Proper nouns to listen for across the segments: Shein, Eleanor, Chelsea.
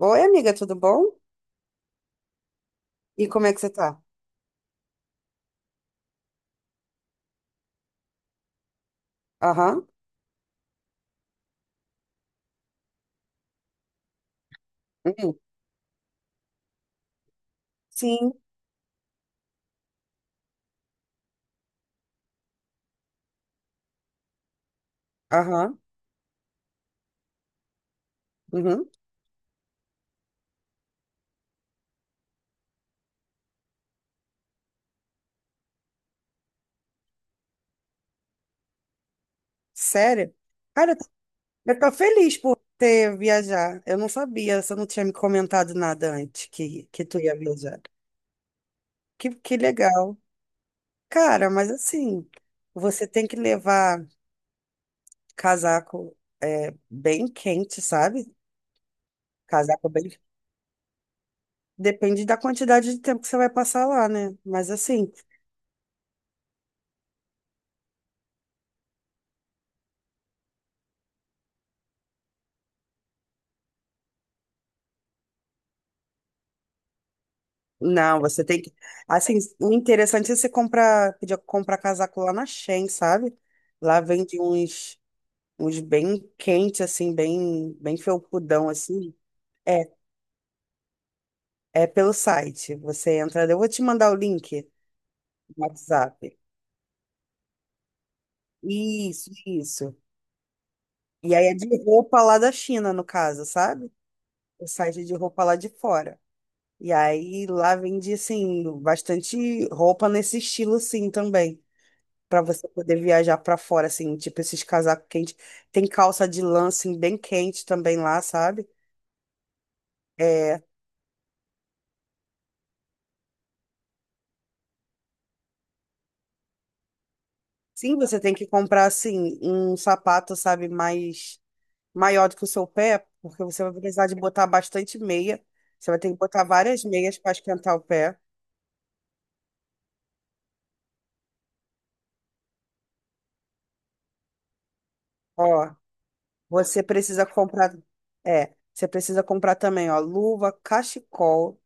Oi, amiga, tudo bom? E como é que você tá? Aham. Hum. Sim. Aham. Uhum. Sério? Cara, eu tô feliz por ter viajar. Eu não sabia, você não tinha me comentado nada antes que tu ia viajar. Que legal. Cara, mas assim, você tem que levar casaco é, bem quente, sabe? Casaco bem. Depende da quantidade de tempo que você vai passar lá, né? Mas assim, não, você tem que. Assim, o interessante é você comprar, pedir comprar casaco lá na Shein, sabe? Lá vende uns bem quentes, assim, bem, bem felpudão, assim. É, é pelo site. Você entra, eu vou te mandar o link no WhatsApp. Isso, isso. E aí é de roupa lá da China, no caso, sabe? O site é de roupa lá de fora. E aí lá vende, assim, bastante roupa nesse estilo, sim, também. Pra você poder viajar pra fora, assim, tipo esses casacos quentes. Tem calça de lã, assim, bem quente também lá, sabe? É, sim, você tem que comprar, assim, um sapato, sabe, mais maior do que o seu pé, porque você vai precisar de botar bastante meia. Você vai ter que botar várias meias para esquentar o pé. Ó, você precisa comprar, você precisa comprar também, ó, luva, cachecol,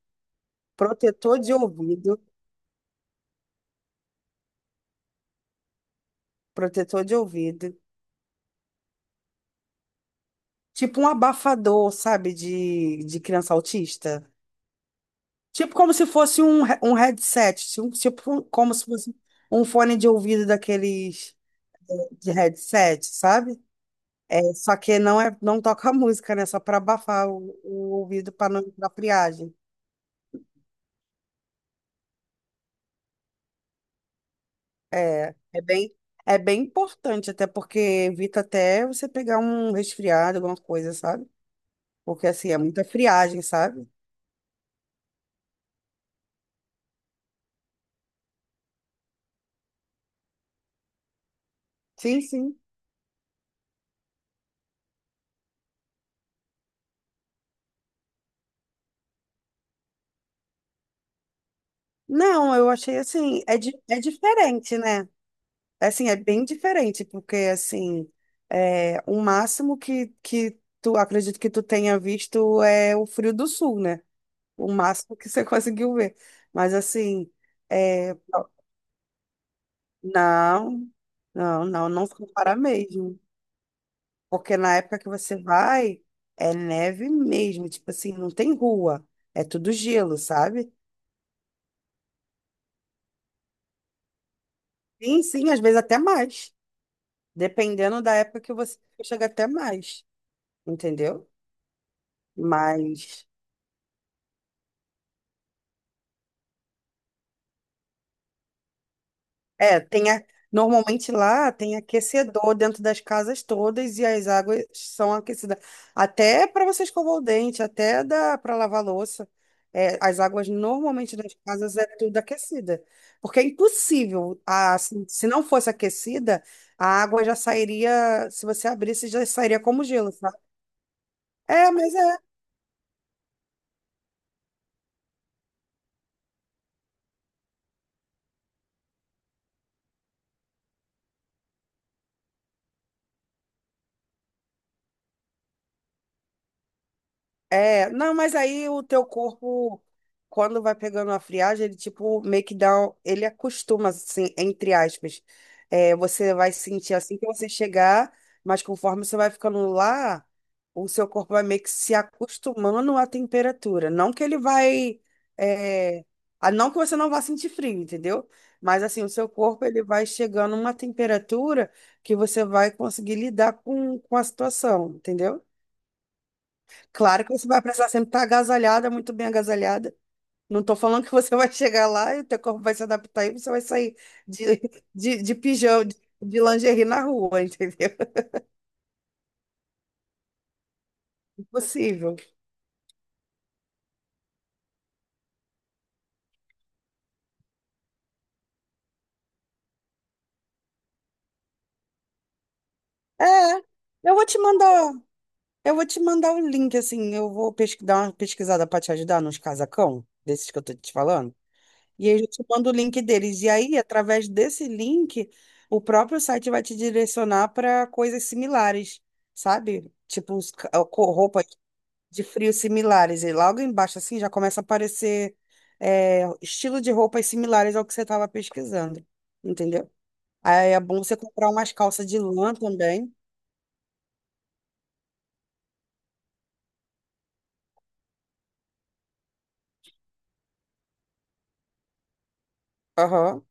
protetor de ouvido, protetor de ouvido, tipo um abafador, sabe, de criança autista. Tipo como se fosse um headset, tipo como se fosse um fone de ouvido daqueles de headset, sabe? É, só que não é, não toca música, né? Só para abafar o ouvido para não dar friagem. É, é bem, é bem importante, até porque evita até você pegar um resfriado, alguma coisa, sabe? Porque assim, é muita friagem, sabe? Sim, sim. Não, eu achei assim, é, di é diferente, né? Assim, é bem diferente, porque, assim, é, o máximo que tu, acredito que tu tenha visto é o Frio do Sul, né? O máximo que você conseguiu ver. Mas, assim, é, não, não, não, não se compara mesmo. Porque na época que você vai, é neve mesmo, tipo assim, não tem rua, é tudo gelo, sabe? Sim, sim, às vezes até mais. Dependendo da época que você chega até mais, entendeu? Mas... é, normalmente lá tem aquecedor dentro das casas todas e as águas são aquecidas. Até para você escovar o dente, até dá para lavar louça. É, as águas normalmente das casas é tudo aquecida. Porque é impossível, se não fosse aquecida, a água já sairia, se você abrisse, já sairia como gelo, sabe? É, mas é. É, não, mas aí o teu corpo, quando vai pegando a friagem, ele tipo meio que dá, ele acostuma, assim, entre aspas. É, você vai sentir assim que você chegar, mas conforme você vai ficando lá, o seu corpo vai meio que se acostumando à temperatura. Não que ele vai, é, ah, não que você não vá sentir frio, entendeu? Mas assim, o seu corpo ele vai chegando a uma temperatura que você vai conseguir lidar com a situação, entendeu? Claro que você vai precisar sempre estar agasalhada, muito bem agasalhada. Não estou falando que você vai chegar lá e o teu corpo vai se adaptar e você vai sair de, de pijama, de lingerie na rua, entendeu? Impossível. É, eu vou te mandar, eu vou te mandar um link, assim, eu vou dar uma pesquisada para te ajudar nos casacão, desses que eu tô te falando. E aí eu te mando o link deles. E aí, através desse link, o próprio site vai te direcionar para coisas similares, sabe? Tipo, roupa de frios similares. E logo embaixo, assim, já começa a aparecer é, estilo de roupas similares ao que você estava pesquisando, entendeu? Aí é bom você comprar umas calças de lã também. Aham,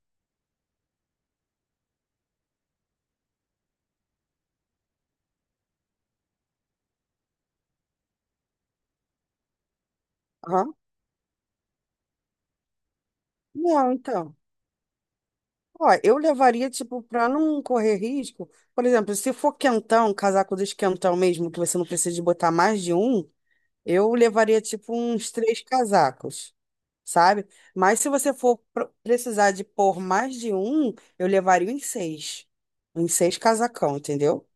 aham. Não, então, ó, eu levaria, tipo, para não correr risco. Por exemplo, se for quentão, casaco dos quentão mesmo, que você não precisa de botar mais de um, eu levaria, tipo, uns três casacos, sabe? Mas se você for precisar de pôr mais de um, eu levaria uns seis. Uns seis casacão, entendeu?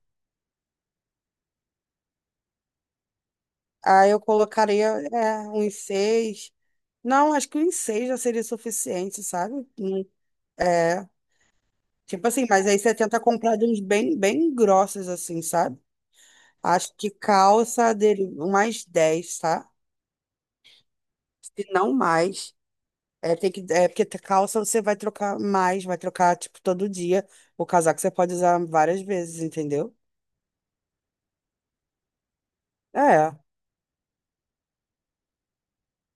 Aí eu colocaria, é, uns seis. Não, acho que uns seis já seria suficiente, sabe? É, tipo assim, mas aí você tenta comprar de uns bem, bem grossos, assim, sabe? Acho que calça dele, umas 10, tá? Se não mais. É, tem que, é porque calça você vai trocar mais, vai trocar, tipo, todo dia. O casaco você pode usar várias vezes, entendeu? É.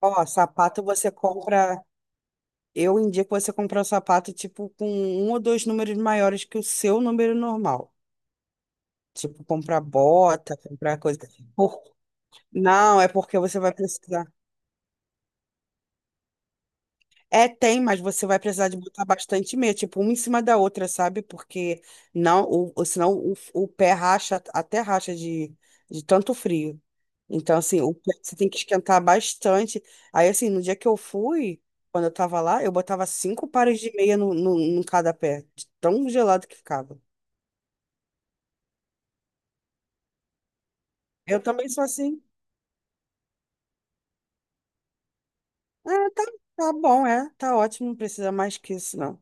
Ó, sapato você compra. Eu indico você comprar o sapato, tipo, com um ou dois números maiores que o seu número normal. Tipo, comprar bota, comprar coisa. Por- Não, é porque você vai precisar. É, tem, mas você vai precisar de botar bastante meia, tipo, uma em cima da outra, sabe? Porque não, senão o pé racha, até racha de tanto frio. Então, assim, o pé você tem que esquentar bastante. Aí, assim, no dia que eu fui, quando eu tava lá, eu botava cinco pares de meia no, no, em cada pé, de tão gelado que ficava. Eu também sou assim. É, tá, tá bom, é, tá ótimo, não precisa mais que isso, não.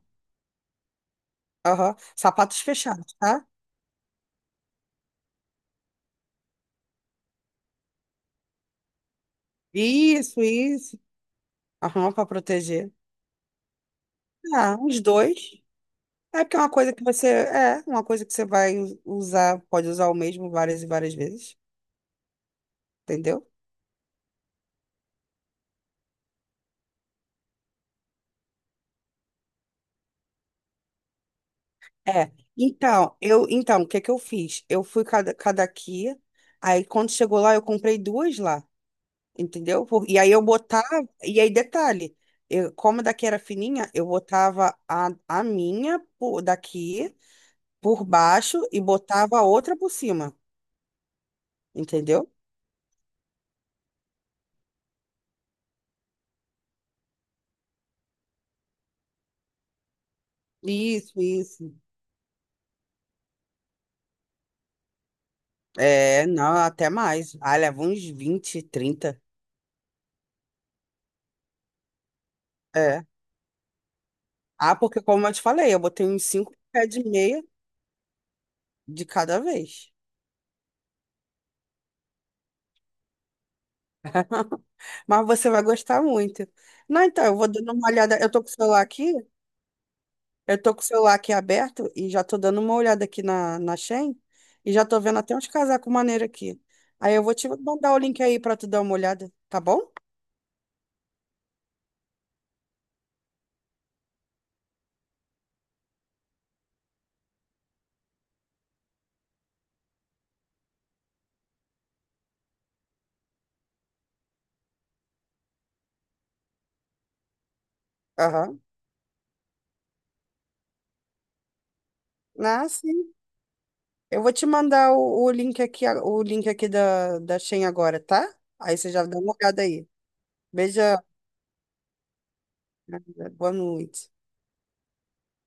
Aham. Sapatos fechados, tá? Isso, isso. Aham, pra proteger. Ah, os dois. É porque é uma coisa que você. É, uma coisa que você vai usar, pode usar o mesmo várias e várias vezes, entendeu? É. Então, eu, então, o que que eu fiz? Eu fui cada aqui, aí quando chegou lá, eu comprei duas lá, entendeu? E aí eu botava, e aí detalhe, eu, como a daqui era fininha, eu botava a minha por, daqui por baixo e botava a outra por cima, entendeu? Isso, isso. É, não, até mais. Ah, leva uns 20, 30. É. Ah, porque como eu te falei, eu botei uns 5 pés de meia de cada vez. Mas você vai gostar muito. Não, então, eu vou dando uma olhada. Eu tô com o celular aqui, eu tô com o celular aqui aberto e já tô dando uma olhada aqui na Shein e já tô vendo até uns casacos maneiros aqui. Aí eu vou te mandar o link aí pra tu dar uma olhada, tá bom? Aham. Ah, sim. Eu vou te mandar o link aqui, da Shein agora, tá? Aí você já dá uma olhada aí. Beijão. Boa noite.